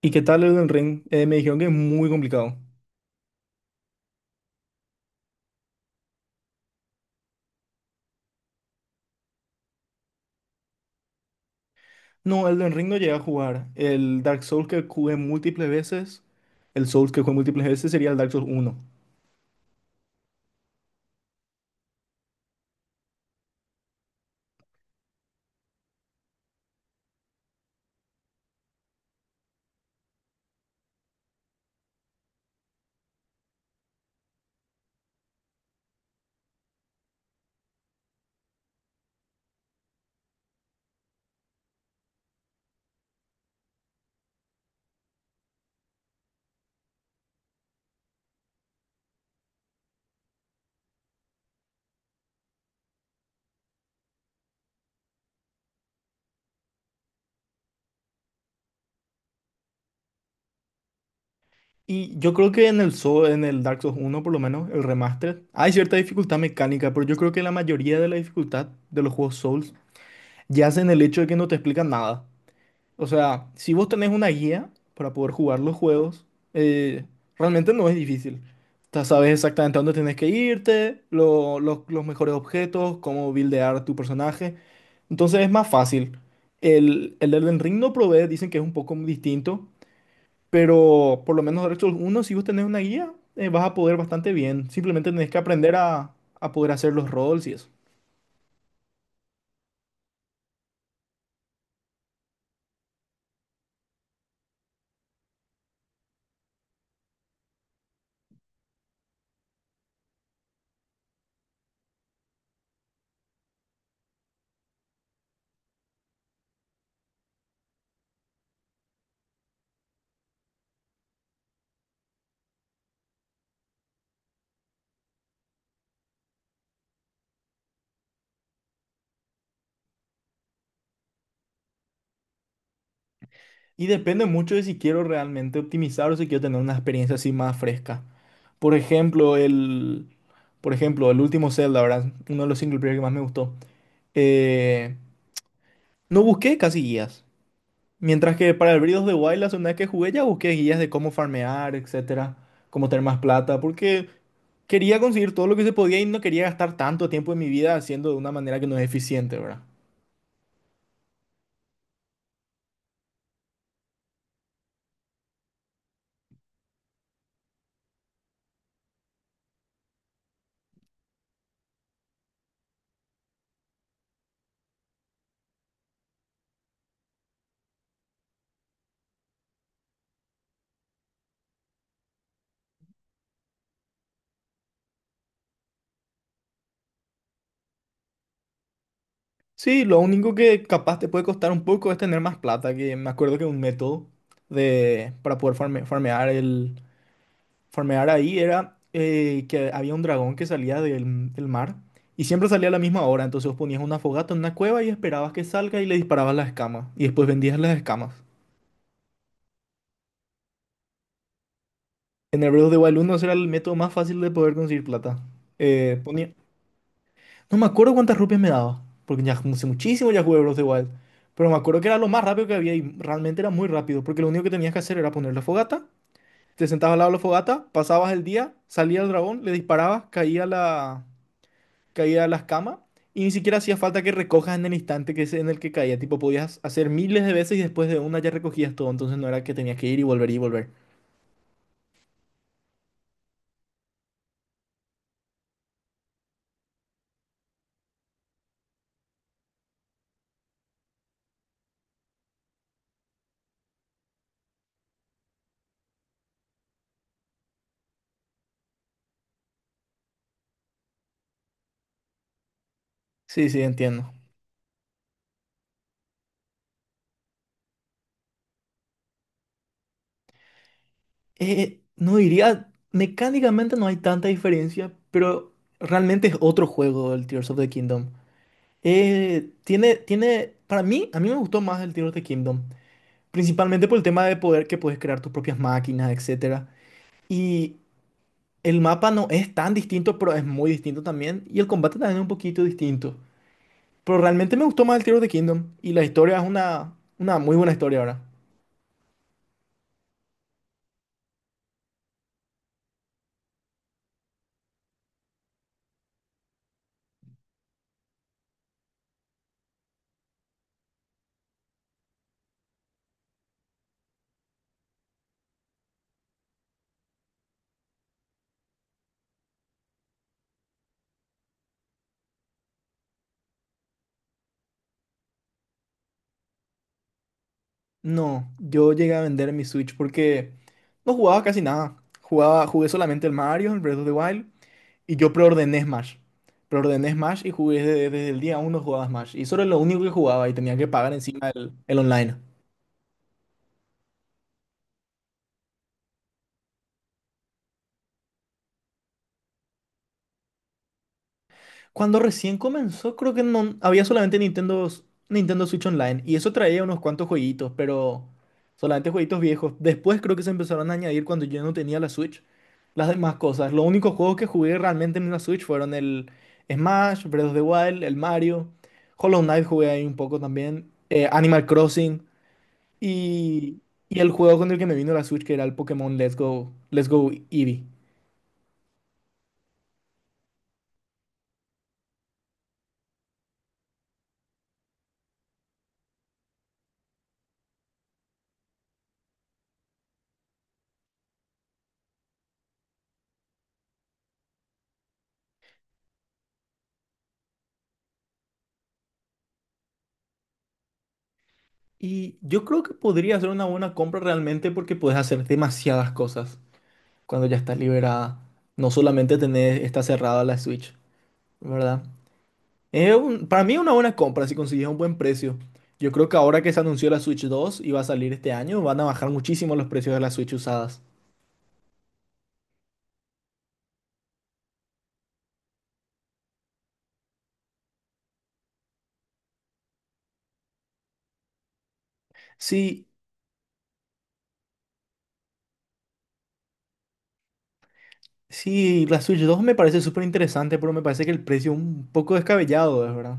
¿Y qué tal Elden Ring? Me dijeron que es muy complicado. No, Elden Ring no llegué a jugar. El Dark Souls que jugué múltiples veces, el Souls que jugué múltiples veces sería el Dark Souls uno. Y yo creo que en en el Dark Souls uno, por lo menos, el remaster, hay cierta dificultad mecánica, pero yo creo que la mayoría de la dificultad de los juegos Souls yace en el hecho de que no te explican nada. O sea, si vos tenés una guía para poder jugar los juegos, eh, realmente no es difícil. Ya sabes exactamente a dónde tienes que irte, los mejores objetos, cómo buildear tu personaje. Entonces es más fácil. El Elden Ring no provee, dicen que es un poco distinto, pero por lo menos Dark Souls 1, si vos tenés una guía, vas a poder bastante bien. Simplemente tenés que aprender a poder hacer los roles y eso. Y depende mucho de si quiero realmente optimizar o si quiero tener una experiencia así más fresca. Por ejemplo, por ejemplo, el último Zelda, ¿verdad? Uno de los single player que más me gustó. Eh, no busqué casi guías. Mientras que para el Breath of the Wild, la segunda vez que jugué, ya busqué guías de cómo farmear, etcétera, cómo tener más plata, porque quería conseguir todo lo que se podía y no quería gastar tanto tiempo de mi vida haciendo de una manera que no es eficiente, ¿verdad? Sí, lo único que capaz te puede costar un poco es tener más plata, que me acuerdo que un método de, para poder farmear, farmear ahí era que había un dragón que salía del mar y siempre salía a la misma hora, entonces vos ponías una fogata en una cueva y esperabas que salga y le disparabas las escamas y después vendías las escamas. En el Breath of the Wild 1 ese era el método más fácil de poder conseguir plata. Eh, ponía- No me acuerdo cuántas rupias me daba, porque ya hace muchísimo ya jugué Breath of the Wild. Pero me acuerdo que era lo más rápido que había y realmente era muy rápido, porque lo único que tenías que hacer era poner la fogata, te sentabas al lado de la fogata, pasabas el día, salía el dragón, le disparabas, caía caía la escama y ni siquiera hacía falta que recojas en el instante que es en el que caía. Tipo, podías hacer miles de veces y después de una ya recogías todo, entonces no era que tenías que ir y volver y volver. Sí, sí, entiendo. No diría, mecánicamente no hay tanta diferencia, pero realmente es otro juego el Tears of the Kingdom. Tiene para mí, a mí me gustó más el Tears of the Kingdom, principalmente por el tema de poder que puedes crear tus propias máquinas, etcétera. Y el mapa no es tan distinto, pero es muy distinto también, y el combate también es un poquito distinto. Pero realmente me gustó más el Tears of the Kingdom, y la historia es una muy buena historia ahora. No, yo llegué a vender mi Switch porque no jugaba casi nada. Jugaba, jugué solamente el Mario, el Breath of the Wild, y yo preordené Smash. Preordené Smash y jugué desde el día uno jugaba Smash. Y solo lo único que jugaba y tenía que pagar encima el online. Cuando recién comenzó, creo que no había solamente Nintendo, Nintendo Switch Online y eso traía unos cuantos jueguitos, pero solamente jueguitos viejos. Después creo que se empezaron a añadir cuando yo no tenía la Switch las demás cosas. Los únicos juegos que jugué realmente en la Switch fueron el Smash, Breath of the Wild, el Mario, Hollow Knight jugué ahí un poco también, Animal Crossing y, y el juego con el que me vino la Switch que era el Pokémon Let's Go, Let's Go Eevee. Y yo creo que podría ser una buena compra realmente porque puedes hacer demasiadas cosas cuando ya estás liberada. No solamente tener, está cerrada la Switch, ¿verdad? Para mí es una buena compra si consigues un buen precio. Yo creo que ahora que se anunció la Switch 2 y va a salir este año, van a bajar muchísimo los precios de las Switch usadas. Sí, sí, la Switch 2 me parece súper interesante, pero me parece que el precio es un poco descabellado, es verdad.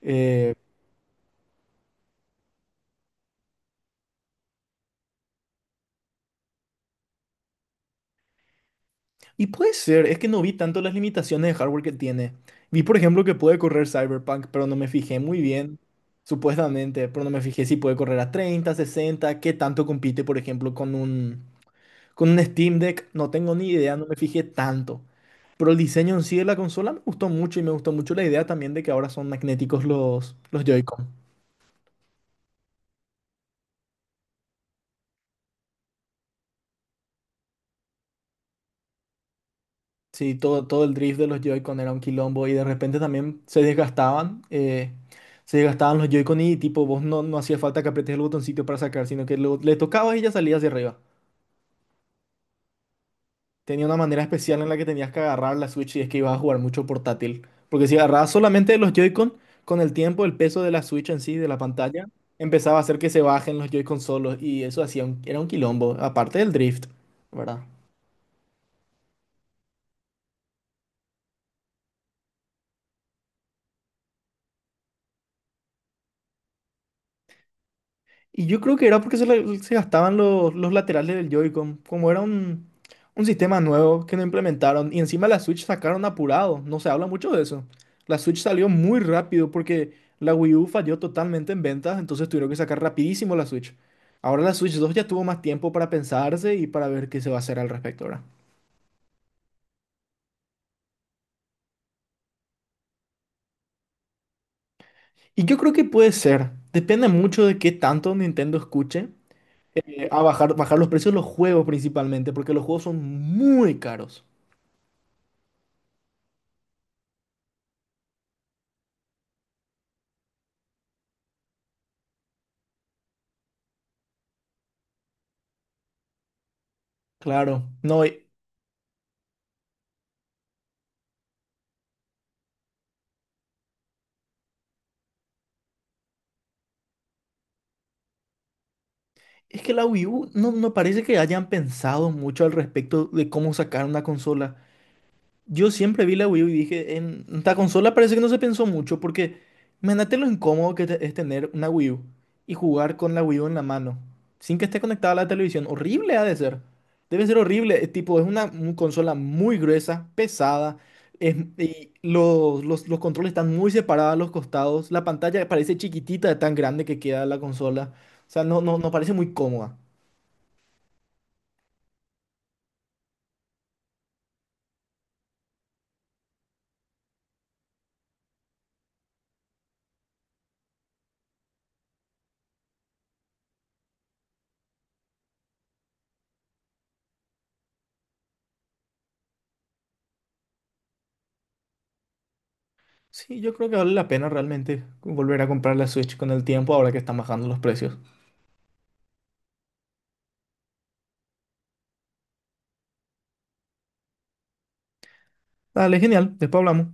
Eh, Y puede ser, es que no vi tanto las limitaciones de hardware que tiene. Vi, por ejemplo, que puede correr Cyberpunk, pero no me fijé muy bien, supuestamente, pero no me fijé si puede correr a 30, 60, qué tanto compite, por ejemplo, con un Steam Deck. No tengo ni idea, no me fijé tanto. Pero el diseño en sí de la consola me gustó mucho y me gustó mucho la idea también de que ahora son magnéticos los Joy-Con. Sí, todo el drift de los Joy-Con era un quilombo y de repente también se desgastaban. Se desgastaban los Joy-Con y tipo, vos no, no hacía falta que apretes el botoncito para sacar, sino que le tocabas y ya salía hacia arriba. Tenía una manera especial en la que tenías que agarrar la Switch y es que ibas a jugar mucho portátil. Porque si agarrabas solamente de los Joy-Con, con el tiempo, el peso de la Switch en sí, de la pantalla, empezaba a hacer que se bajen los Joy-Con solos y eso hacía era un quilombo, aparte del drift, ¿verdad? Y yo creo que era porque se gastaban los laterales del Joy-Con. Como era un sistema nuevo que no implementaron. Y encima la Switch sacaron apurado. No se habla mucho de eso. La Switch salió muy rápido porque la Wii U falló totalmente en ventas. Entonces tuvieron que sacar rapidísimo la Switch. Ahora la Switch 2 ya tuvo más tiempo para pensarse y para ver qué se va a hacer al respecto ahora. Y yo creo que puede ser. Depende mucho de qué tanto Nintendo escuche a bajar los precios de los juegos principalmente, porque los juegos son muy caros. Claro, no. Es que la Wii U no, no parece que hayan pensado mucho al respecto de cómo sacar una consola. Yo siempre vi la Wii U y dije, en esta consola parece que no se pensó mucho porque imagínate lo incómodo que es tener una Wii U y jugar con la Wii U en la mano sin que esté conectada a la televisión. Horrible ha de ser. Debe ser horrible. Es tipo, es una, un consola muy gruesa, pesada. Y los controles están muy separados a los costados. La pantalla parece chiquitita de tan grande que queda la consola. O sea, no, no, no parece muy cómoda. Sí, yo creo que vale la pena realmente volver a comprar la Switch con el tiempo ahora que están bajando los precios. Dale, genial, después hablamos.